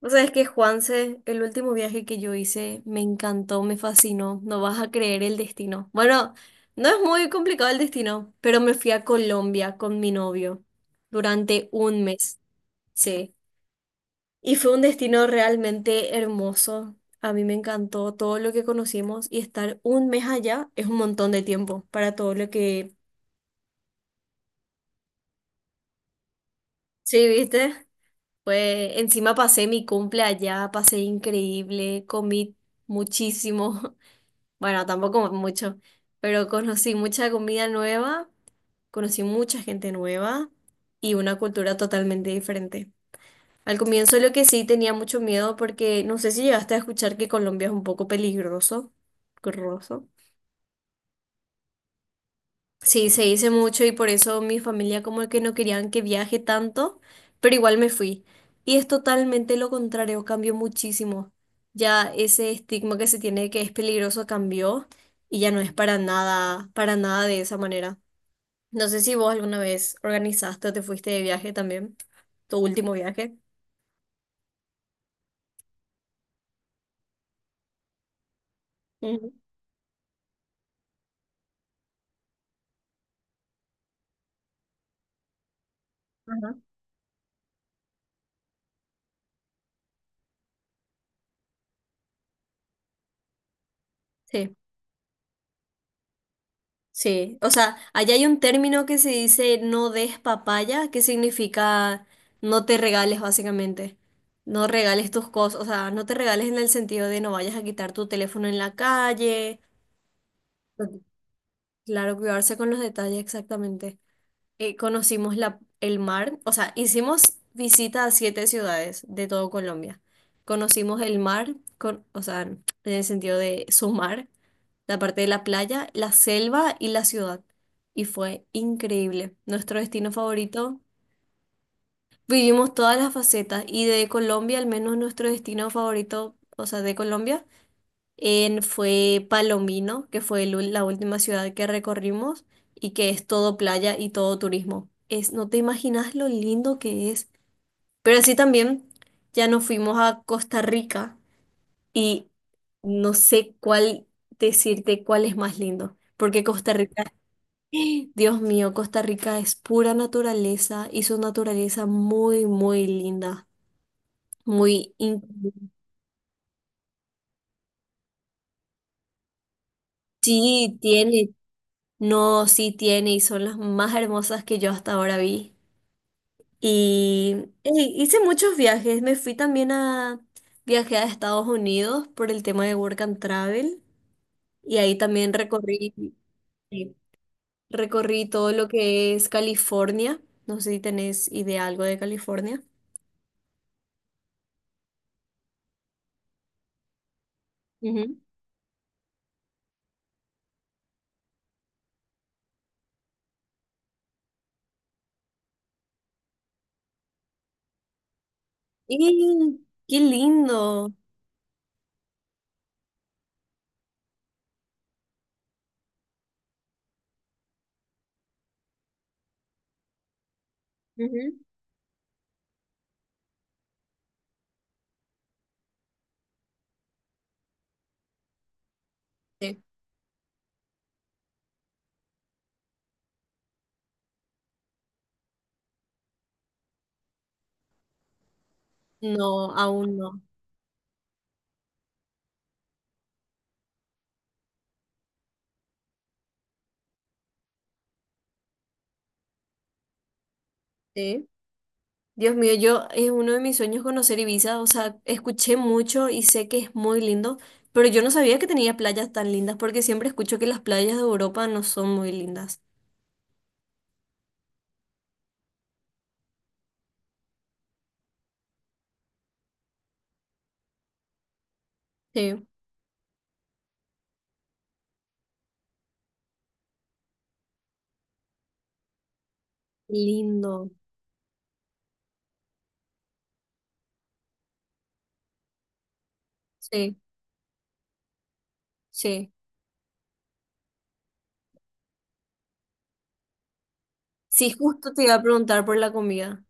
O sea, es que Juanse, el último viaje que yo hice, me encantó, me fascinó. No vas a creer el destino. Bueno, no es muy complicado el destino, pero me fui a Colombia con mi novio durante un mes, sí. Y fue un destino realmente hermoso. A mí me encantó todo lo que conocimos y estar un mes allá es un montón de tiempo para todo lo que. Sí, ¿viste? Pues encima pasé mi cumple allá, pasé increíble, comí muchísimo. Bueno, tampoco mucho, pero conocí mucha comida nueva, conocí mucha gente nueva y una cultura totalmente diferente. Al comienzo lo que sí tenía mucho miedo porque no sé si llegaste a escuchar que Colombia es un poco peligroso, peligroso. Sí, se hice mucho y por eso mi familia como que no querían que viaje tanto, pero igual me fui. Y es totalmente lo contrario, cambió muchísimo. Ya ese estigma que se tiene que es peligroso cambió y ya no es para nada de esa manera. No sé si vos alguna vez organizaste o te fuiste de viaje también, tu último viaje. Ujú. Ajá. Sí. Sí, o sea, allá hay un término que se dice no des papaya, que significa no te regales básicamente. No regales tus cosas, o sea, no te regales en el sentido de no vayas a quitar tu teléfono en la calle. Ujú. Claro, cuidarse con los detalles exactamente. Conocimos el mar, o sea, hicimos visita a siete ciudades de todo Colombia. Conocimos el mar, o sea, en el sentido de su mar la parte de la playa, la selva y la ciudad. Y fue increíble. Nuestro destino favorito, vivimos todas las facetas y de Colombia, al menos nuestro destino favorito, o sea, de Colombia, fue Palomino, que fue la última ciudad que recorrimos y que es todo playa y todo turismo. Es, no te imaginas lo lindo que es. Pero así también ya nos fuimos a Costa Rica y no sé cuál decirte cuál es más lindo, porque Costa Rica, Dios mío, Costa Rica es pura naturaleza y su naturaleza muy, muy linda, muy. Sí, tiene, no, sí tiene y son las más hermosas que yo hasta ahora vi. Y ey, hice muchos viajes, me fui también a. Viajé a Estados Unidos por el tema de Work and Travel y ahí también recorrí, sí, recorrí todo lo que es California. No sé si tenés idea algo de California. ¡Y qué lindo! Ujú. Sí. No, aún no. Sí. Dios mío, yo es uno de mis sueños conocer Ibiza, o sea, escuché mucho y sé que es muy lindo, pero yo no sabía que tenía playas tan lindas porque siempre escucho que las playas de Europa no son muy lindas. Sí. Lindo, sí, sí. Sí, justo te iba a preguntar por la comida,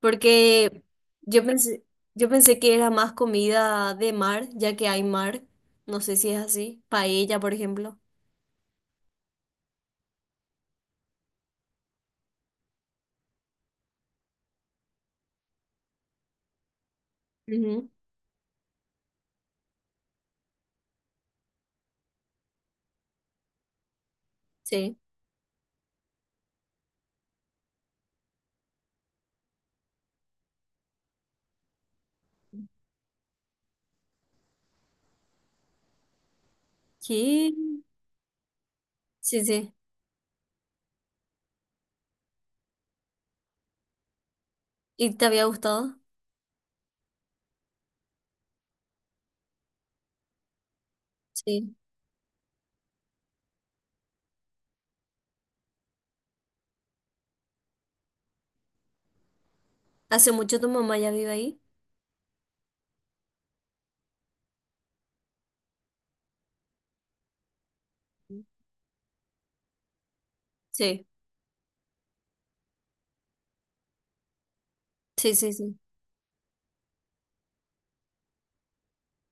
porque yo pensé, yo pensé que era más comida de mar, ya que hay mar, no sé si es así, paella, por ejemplo. Ujú. Sí. ¿Qué? Sí, sí. ¿Y te había gustado? Sí. ¿Hace mucho tu mamá ya vive ahí? Sí. Sí, sí, sí.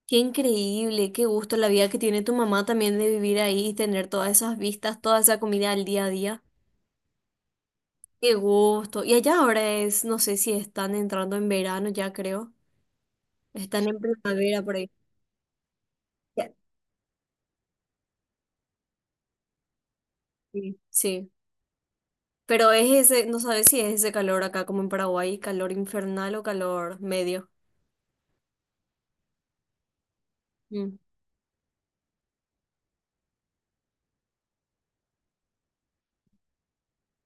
Qué increíble, qué gusto la vida que tiene tu mamá también de vivir ahí y tener todas esas vistas, toda esa comida al día a día. Qué gusto. Y allá ahora es, no sé si están entrando en verano ya creo. Están en primavera por ahí. Ya, sí. Sí. Pero es ese, no sabes si es ese calor acá como en Paraguay, calor infernal o calor medio. Mm.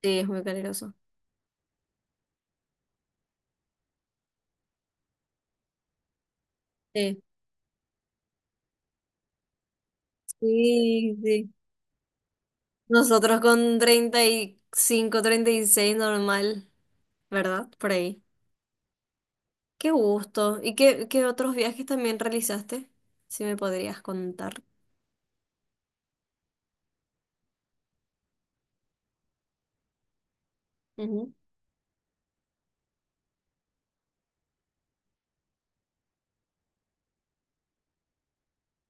Sí, es muy caluroso. Sí. Sí, sí. Nosotros con 30 35 36 normal, ¿verdad? Por ahí. Qué gusto. ¿Y qué, otros viajes también realizaste? Si me podrías contar. Ujú.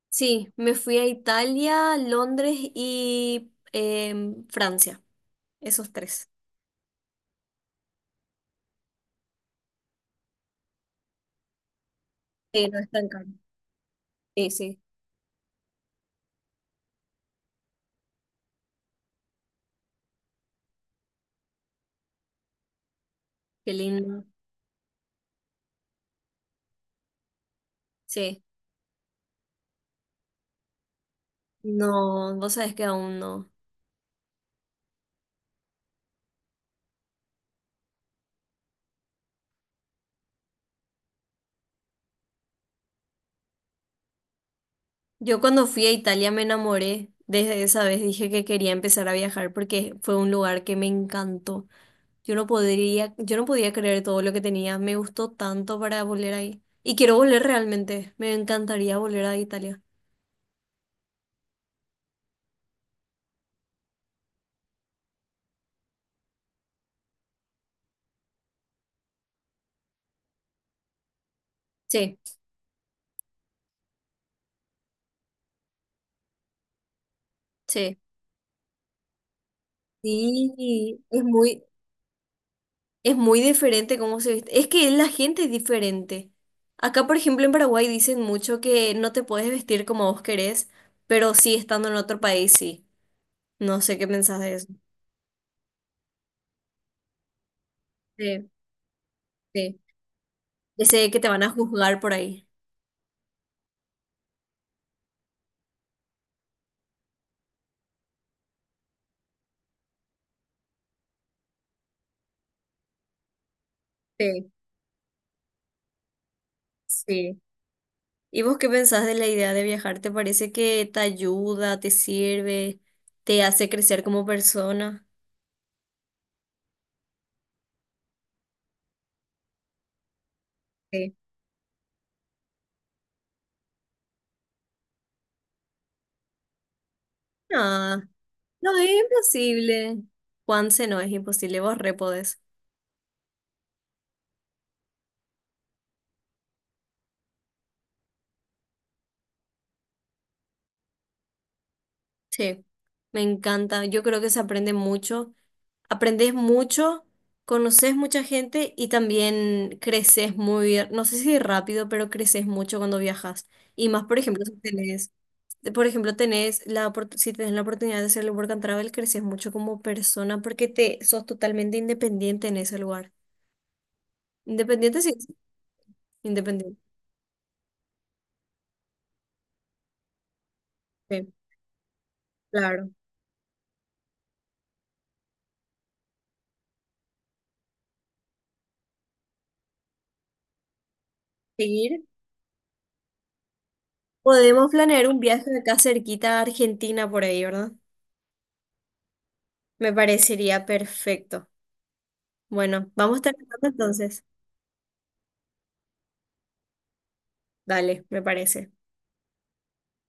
Sí, me fui a Italia, Londres y Francia. Esos tres. Sí, no es tan caro. Sí, sí. Qué lindo. Sí. No, vos sabés que aún no. Yo cuando fui a Italia me enamoré. Desde esa vez dije que quería empezar a viajar porque fue un lugar que me encantó. Yo no podía creer todo lo que tenía. Me gustó tanto para volver ahí. Y quiero volver realmente. Me encantaría volver a Italia. Sí, sí. Sí, es muy diferente cómo se viste. Es que la gente es diferente. Acá, por ejemplo, en Paraguay dicen mucho que no te puedes vestir como vos querés, pero sí estando en otro país, sí. No sé qué pensás de eso. Sí, sí. Ese que te van a juzgar por ahí. Sí, sí. ¿Y vos qué pensás de la idea de viajar? ¿Te parece que te ayuda, te sirve, te hace crecer como persona? Sí. No, no es imposible. Juanse, no es imposible, vos re podés. Sí, me encanta. Yo creo que se aprende mucho. Aprendes mucho, conoces mucha gente y también creces muy, no sé si rápido, pero creces mucho cuando viajas. Y más, por ejemplo, si tenés de- por ejemplo, tenés si tenés la oportunidad de hacer el work and travel, creces mucho como persona porque te sos totalmente independiente en ese lugar. Independiente, sí, sí, independiente. Sí, claro. Seguir. Podemos planear un viaje de acá cerquita a Argentina por ahí, ¿verdad? Me parecería perfecto. Bueno, vamos terminando entonces. Dale, me parece.